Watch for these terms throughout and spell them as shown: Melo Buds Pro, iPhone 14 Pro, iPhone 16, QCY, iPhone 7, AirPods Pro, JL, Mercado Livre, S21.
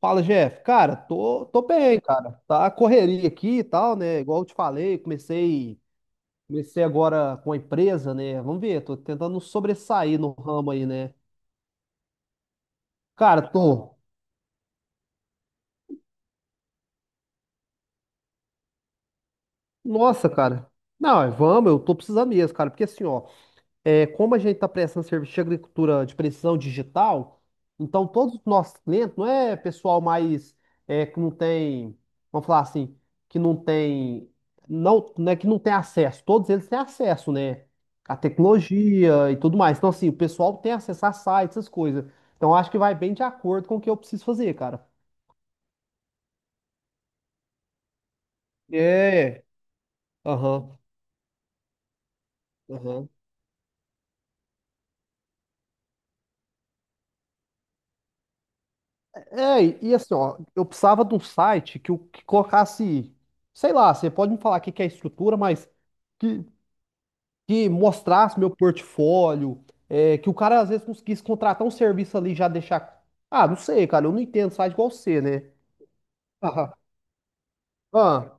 Fala, Jeff. Cara, tô bem, cara. Tá a correria aqui e tal, né? Igual eu te falei, comecei agora com a empresa, né? Vamos ver, tô tentando sobressair no ramo aí, né? Cara, tô. Nossa, cara. Não, é, vamos, eu tô precisando mesmo, cara, porque assim, ó. É, como a gente está prestando serviço de agricultura de precisão digital, então todos os nossos clientes, não é pessoal mais é, que não tem, vamos falar assim, que não tem, não, é que não tem acesso, todos eles têm acesso, né? À tecnologia e tudo mais. Então, assim, o pessoal tem acesso a sites, essas coisas. Então, acho que vai bem de acordo com o que eu preciso fazer, cara. É, aham, aham. É, e assim, ó, eu precisava de um site que, que colocasse, sei lá, você pode me falar o que que é estrutura, mas que, que mostrasse meu portfólio, é, que o cara às vezes conseguisse contratar um serviço ali e já deixar. Ah, não sei, cara, eu não entendo site igual você, né? Ah, ah,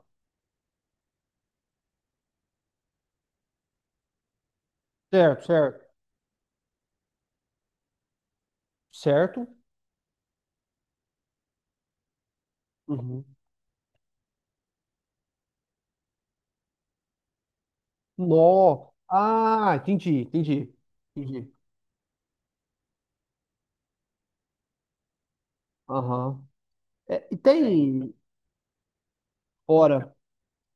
certo, certo, certo. Uhum. Nó. Ah, entendi. Aham. É, e tem hora.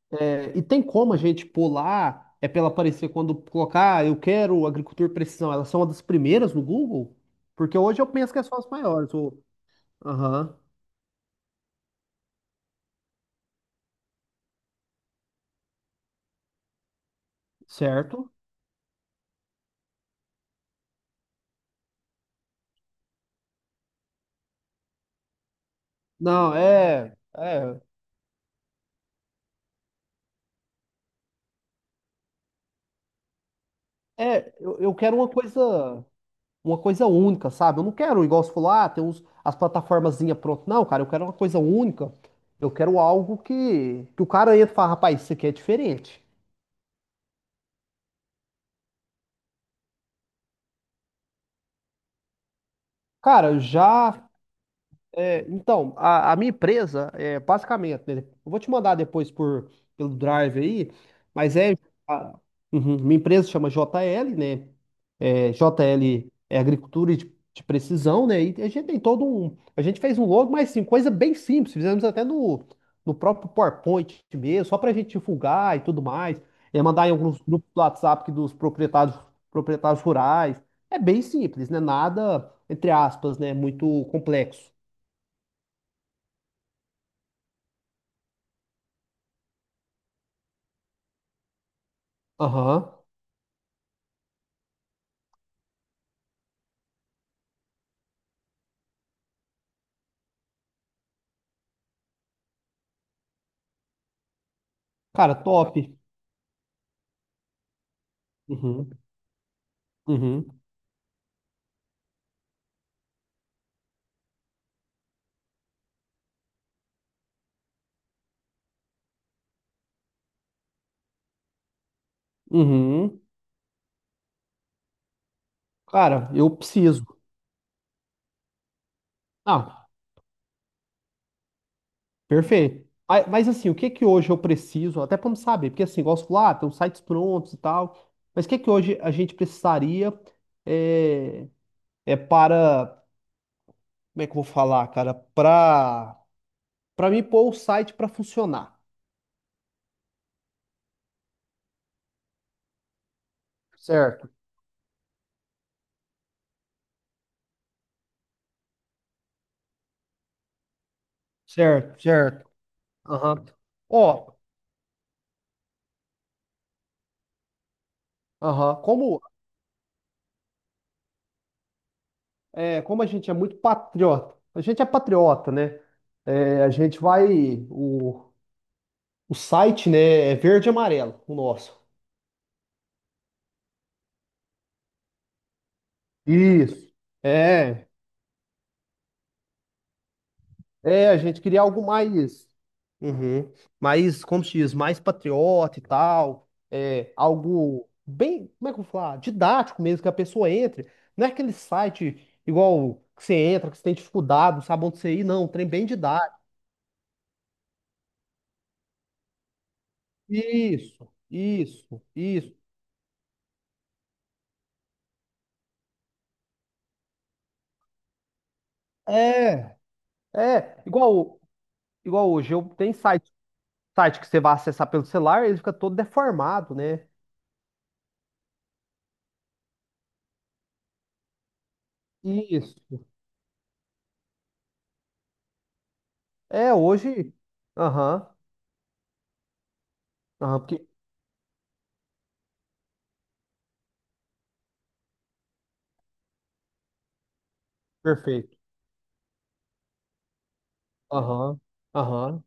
É, e tem como a gente pular, é pra ela aparecer quando colocar, "Ah, eu quero agricultura e precisão. Elas são uma das primeiras no Google?" Porque hoje eu penso que é só as maiores. Aham, certo? Não, é, é, é, eu quero uma coisa única, sabe? Eu não quero igual você falou, ah, tem uns, as plataformazinhas pronto. Não, cara, eu quero uma coisa única. Eu quero algo que o cara entra e fala, rapaz, isso aqui é diferente. Cara, já é, então, a minha empresa, é, basicamente, né, eu vou te mandar depois por, pelo Drive aí, mas é, a, uhum, minha empresa chama JL, né? É, JL é agricultura de precisão, né? E a gente tem todo um, a gente fez um logo, mas sim, coisa bem simples, fizemos até no, no próprio PowerPoint mesmo, só para a gente divulgar e tudo mais, é, mandar em alguns grupos do WhatsApp que dos proprietários, proprietários rurais, é bem simples, né? Nada, entre aspas, né? Muito complexo. Aham. Cara, top. Uhum, uhum, uhum. Cara, eu preciso. Ah, perfeito. Mas, assim, o que que hoje eu preciso? Até para saber, porque assim, gosto lá, tem uns sites prontos e tal. Mas o que que hoje a gente precisaria é, é para, como é que eu vou falar, cara? Para mim pôr o site para funcionar. Certo, certo. Aham. Ó, aham. Como a gente é muito patriota, a gente é patriota, né? É, a gente vai. O site, né? É verde e amarelo, o nosso. Isso. É. É, a gente queria algo mais. Uhum. Mais, como se diz, mais patriota e tal. É, algo bem, como é que eu vou falar? Didático mesmo, que a pessoa entre. Não é aquele site igual que você entra, que você tem dificuldade, não sabe onde você ir, não. Um trem bem didático. Isso, isso, isso. É. É, igual, igual hoje, eu tem site, site que você vai acessar pelo celular, ele fica todo deformado, né? Isso. É, hoje. Aham. Aham, porque. Perfeito. Aham. Aham.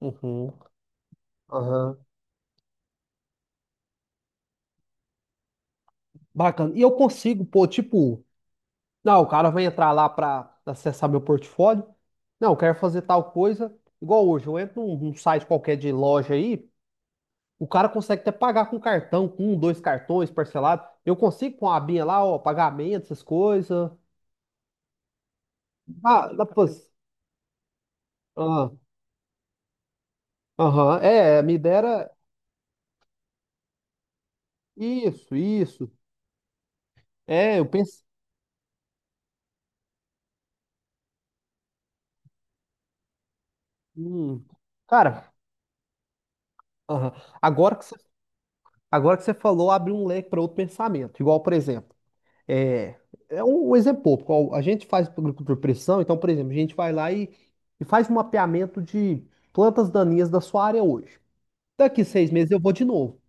Uhum. Aham. Bacana. E eu consigo, pô, tipo, não, o cara vai entrar lá pra acessar meu portfólio. Não, eu quero fazer tal coisa. Igual hoje, eu entro num, num site qualquer de loja aí, o cara consegue até pagar com cartão, com um, dois cartões parcelado. Eu consigo com a abinha lá, ó, pagamento, essas coisas. Ah, da pos... ah, aham, é, me dera isso, isso. É, eu penso. Hum, cara, aham. Agora que você, agora que você falou, abre um leque para outro pensamento. Igual, por exemplo, é, é um exemplo pouco. Ó, a gente faz agricultura de precisão, então, por exemplo, a gente vai lá e faz um mapeamento de plantas daninhas da sua área hoje. Daqui 6 meses eu vou de novo.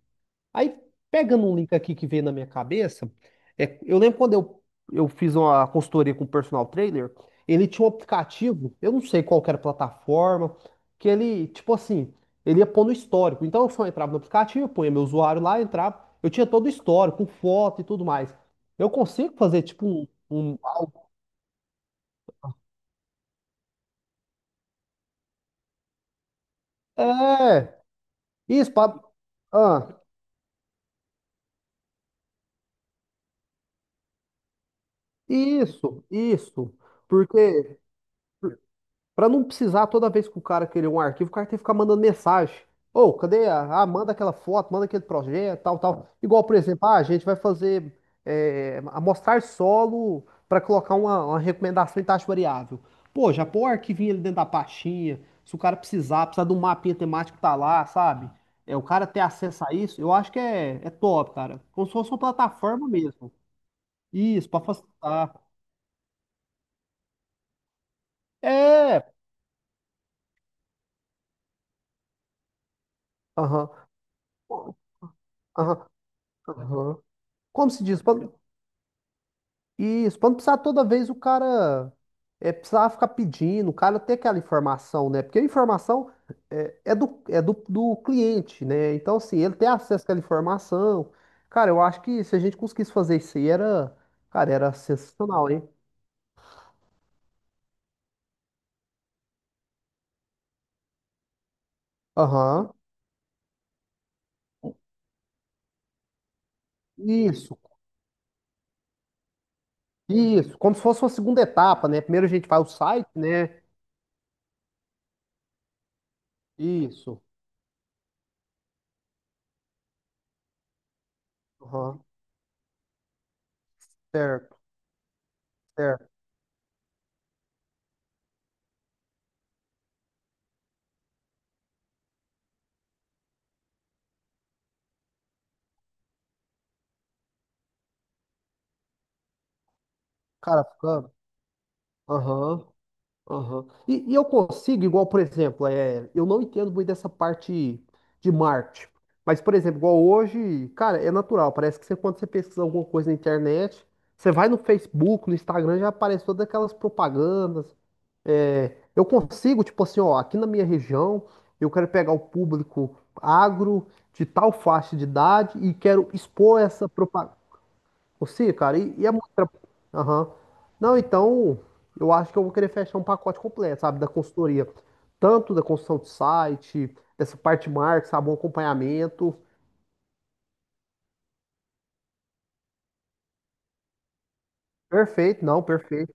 Aí, pegando um link aqui que veio na minha cabeça, é, eu lembro quando eu fiz uma consultoria com o personal trainer, ele tinha um aplicativo, eu não sei qual que era a plataforma, que ele, tipo assim, ele ia pôr no histórico. Então, eu só entrava no aplicativo, eu punha meu usuário lá, entrava, eu tinha todo o histórico, com foto e tudo mais. Eu consigo fazer, tipo, um algo- é, isso, pra, ah, isso, porque... Pra não precisar toda vez que o cara querer um arquivo, o cara tem que ficar mandando mensagem. Ô, cadê a... Ah, manda aquela foto, manda aquele projeto, tal, tal. Igual, por exemplo, ah, a gente vai fazer é, amostrar solo para colocar uma recomendação em taxa variável. Pô, já põe o arquivinho ali dentro da pastinha. Se o cara precisar de um mapinha temático, tá lá, sabe? É, o cara ter acesso a isso, eu acho que é, é top, cara. Como se fosse uma plataforma mesmo. Isso, pra facilitar. É! Aham. Aham. Aham. Como se diz? Pra- isso, pra não precisar toda vez o cara é, precisar ficar pedindo, o cara ter aquela informação, né? Porque a informação é, é do, do cliente, né? Então, assim, ele tem acesso àquela informação. Cara, eu acho que se a gente conseguisse fazer isso aí, era, cara, era sensacional, hein? Aham. Isso, isso. Como se fosse uma segunda etapa, né? Primeiro a gente faz o site, né? Isso. Aham. Certo, certo. Cara, ficando. Aham. Aham. E, eu consigo, igual, por exemplo, é, eu não entendo muito dessa parte de marketing. Mas, por exemplo, igual hoje, cara, é natural. Parece que você, quando você pesquisa alguma coisa na internet, você vai no Facebook, no Instagram, já aparece todas aquelas propagandas. É, eu consigo, tipo assim, ó, aqui na minha região, eu quero pegar o público agro de tal faixa de idade e quero expor essa propaganda. Você, cara, e é muito. Tra- aham. Não, então, eu acho que eu vou querer fechar um pacote completo, sabe, da consultoria. Tanto da construção de site, dessa parte de marketing, sabe, um acompanhamento. Perfeito.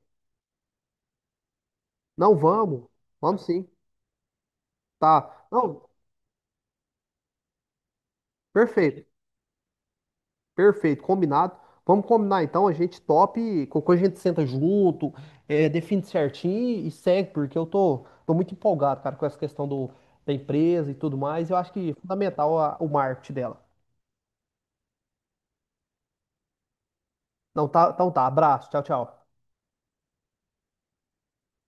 Não, vamos. Vamos sim. Tá. Não, perfeito. Perfeito, combinado. Vamos combinar então, a gente top, qualquer coisa a gente senta junto, é, define certinho e segue, porque eu tô muito empolgado, cara, com essa questão do, da empresa e tudo mais. Eu acho que é fundamental o marketing dela. Não, tá, então tá. Abraço. Tchau, tchau.